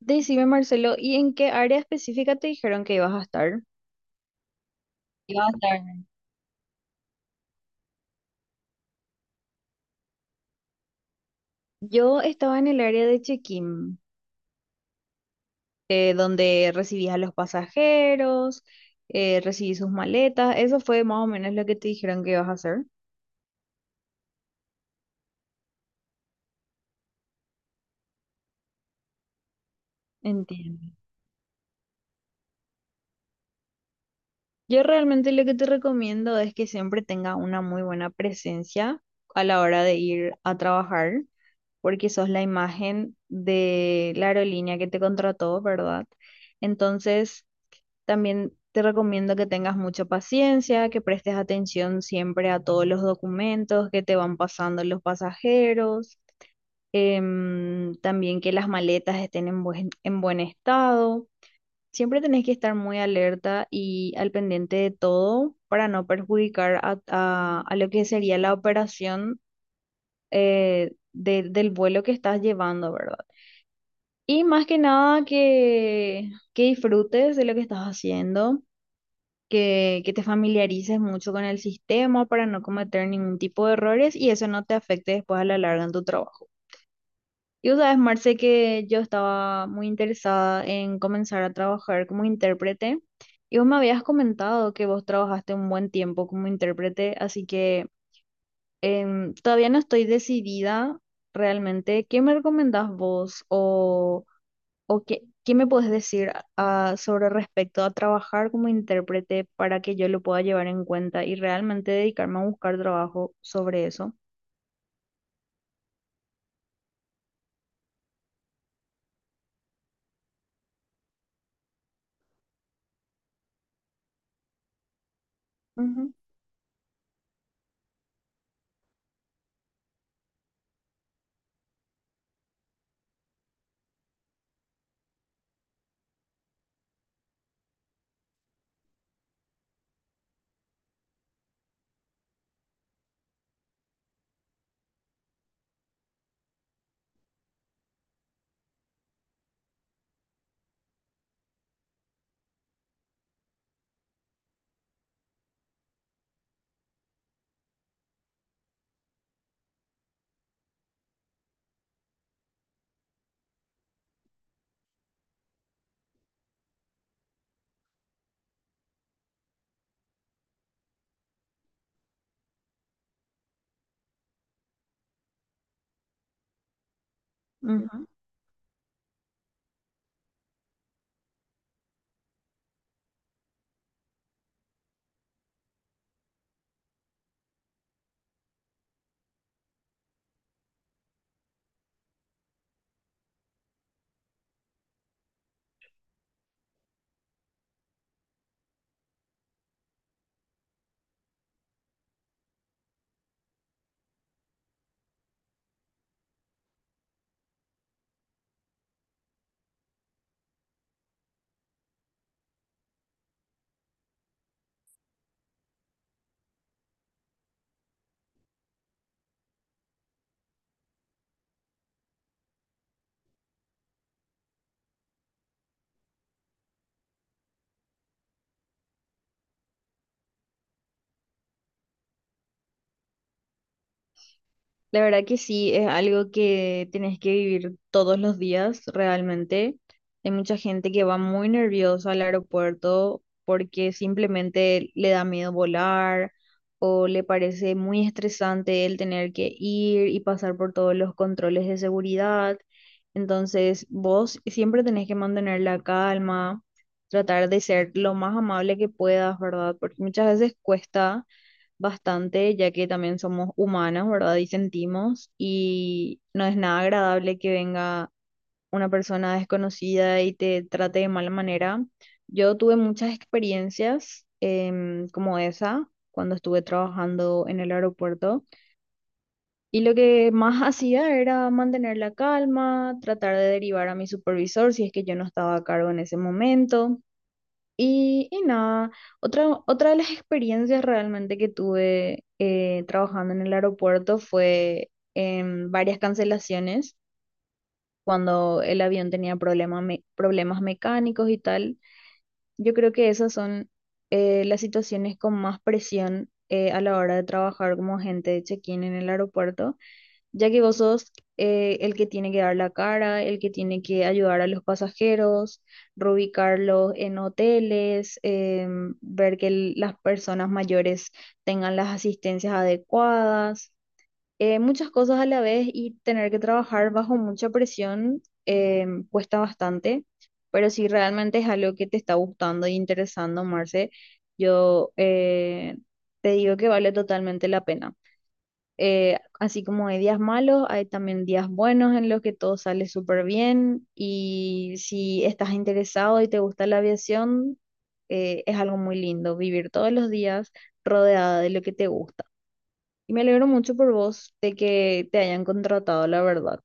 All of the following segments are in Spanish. Decime, Marcelo, ¿y en qué área específica te dijeron que ibas a estar? Iba a estar. Yo estaba en el área de check-in, donde recibías a los pasajeros, recibí sus maletas. Eso fue más o menos lo que te dijeron que ibas a hacer. Entiendo. Yo realmente lo que te recomiendo es que siempre tenga una muy buena presencia a la hora de ir a trabajar, porque sos la imagen de la aerolínea que te contrató, ¿verdad? Entonces también te recomiendo que tengas mucha paciencia, que prestes atención siempre a todos los documentos que te van pasando los pasajeros. También que las maletas estén en en buen estado. Siempre tenés que estar muy alerta y al pendiente de todo para no perjudicar a lo que sería la operación del vuelo que estás llevando, ¿verdad? Y más que nada que disfrutes de lo que estás haciendo, que te familiarices mucho con el sistema para no cometer ningún tipo de errores y eso no te afecte después a la larga en tu trabajo. Y vos sabes, Marce, que yo estaba muy interesada en comenzar a trabajar como intérprete, y vos me habías comentado que vos trabajaste un buen tiempo como intérprete, así que todavía no estoy decidida realmente. ¿Qué me recomendás vos? O... ¿O qué me puedes decir sobre respecto a trabajar como intérprete, para que yo lo pueda llevar en cuenta y realmente dedicarme a buscar trabajo sobre eso? Ujú. Ujú. La verdad que sí, es algo que tenés que vivir todos los días realmente. Hay mucha gente que va muy nerviosa al aeropuerto porque simplemente le da miedo volar, o le parece muy estresante el tener que ir y pasar por todos los controles de seguridad. Entonces, vos siempre tenés que mantener la calma, tratar de ser lo más amable que puedas, ¿verdad? Porque muchas veces cuesta bastante, ya que también somos humanos, ¿verdad? Y sentimos, y no es nada agradable que venga una persona desconocida y te trate de mala manera. Yo tuve muchas experiencias como esa cuando estuve trabajando en el aeropuerto, y lo que más hacía era mantener la calma, tratar de derivar a mi supervisor si es que yo no estaba a cargo en ese momento. Y nada, otra de las experiencias realmente que tuve trabajando en el aeropuerto fue en varias cancelaciones, cuando el avión tenía problemas mecánicos y tal. Yo creo que esas son las situaciones con más presión a la hora de trabajar como agente de check-in en el aeropuerto, ya que vos sos el que tiene que dar la cara, el que tiene que ayudar a los pasajeros, reubicarlos en hoteles. Ver que las personas mayores tengan las asistencias adecuadas, muchas cosas a la vez, y tener que trabajar bajo mucha presión cuesta bastante, pero si realmente es algo que te está gustando y interesando, Marce, yo te digo que vale totalmente la pena. Así como hay días malos, hay también días buenos en los que todo sale súper bien, y si estás interesado y te gusta la aviación, es algo muy lindo vivir todos los días rodeada de lo que te gusta. Y me alegro mucho por vos de que te hayan contratado, la verdad.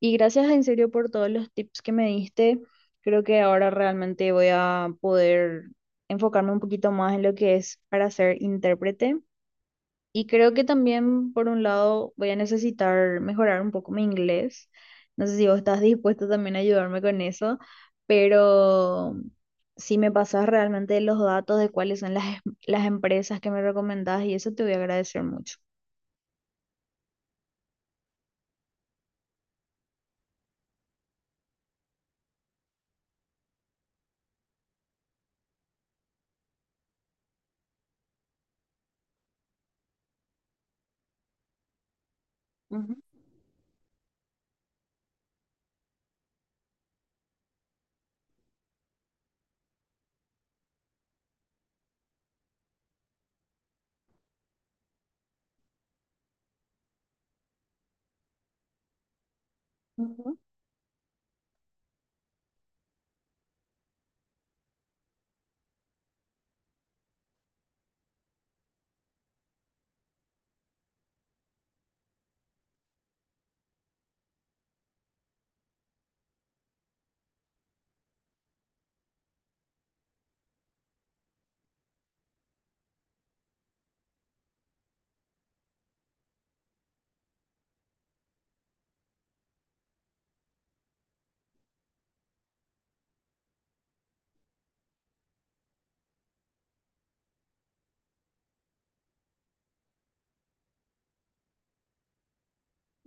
Y gracias en serio por todos los tips que me diste. Creo que ahora realmente voy a poder enfocarme un poquito más en lo que es para ser intérprete, y creo que también, por un lado, voy a necesitar mejorar un poco mi inglés. No sé si vos estás dispuesto también a ayudarme con eso, pero si me pasas realmente los datos de cuáles son las empresas que me recomendás y eso, te voy a agradecer mucho. Ujú, ujú.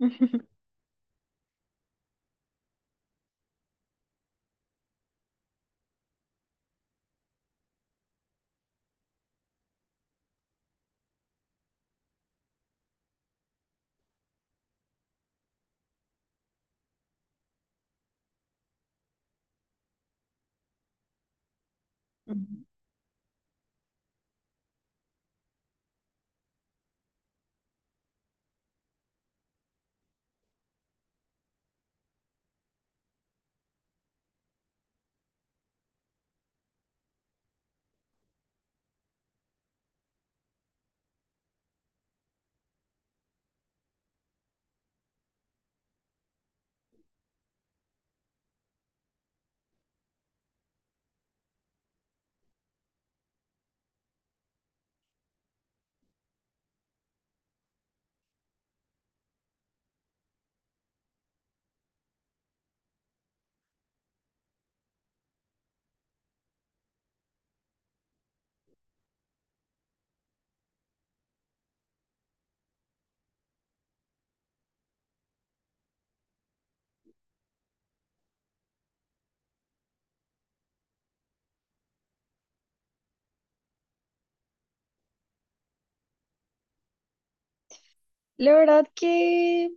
La verdad que…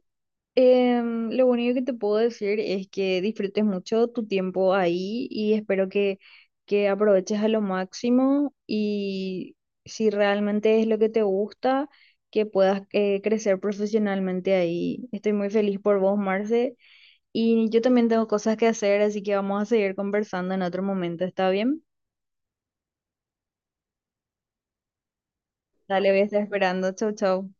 Lo único que te puedo decir es que disfrutes mucho tu tiempo ahí, y espero que aproveches a lo máximo, y si realmente es lo que te gusta, que puedas crecer profesionalmente ahí. Estoy muy feliz por vos, Marce, y yo también tengo cosas que hacer, así que vamos a seguir conversando en otro momento, ¿está bien? Dale, voy a estar esperando. Chau, chau.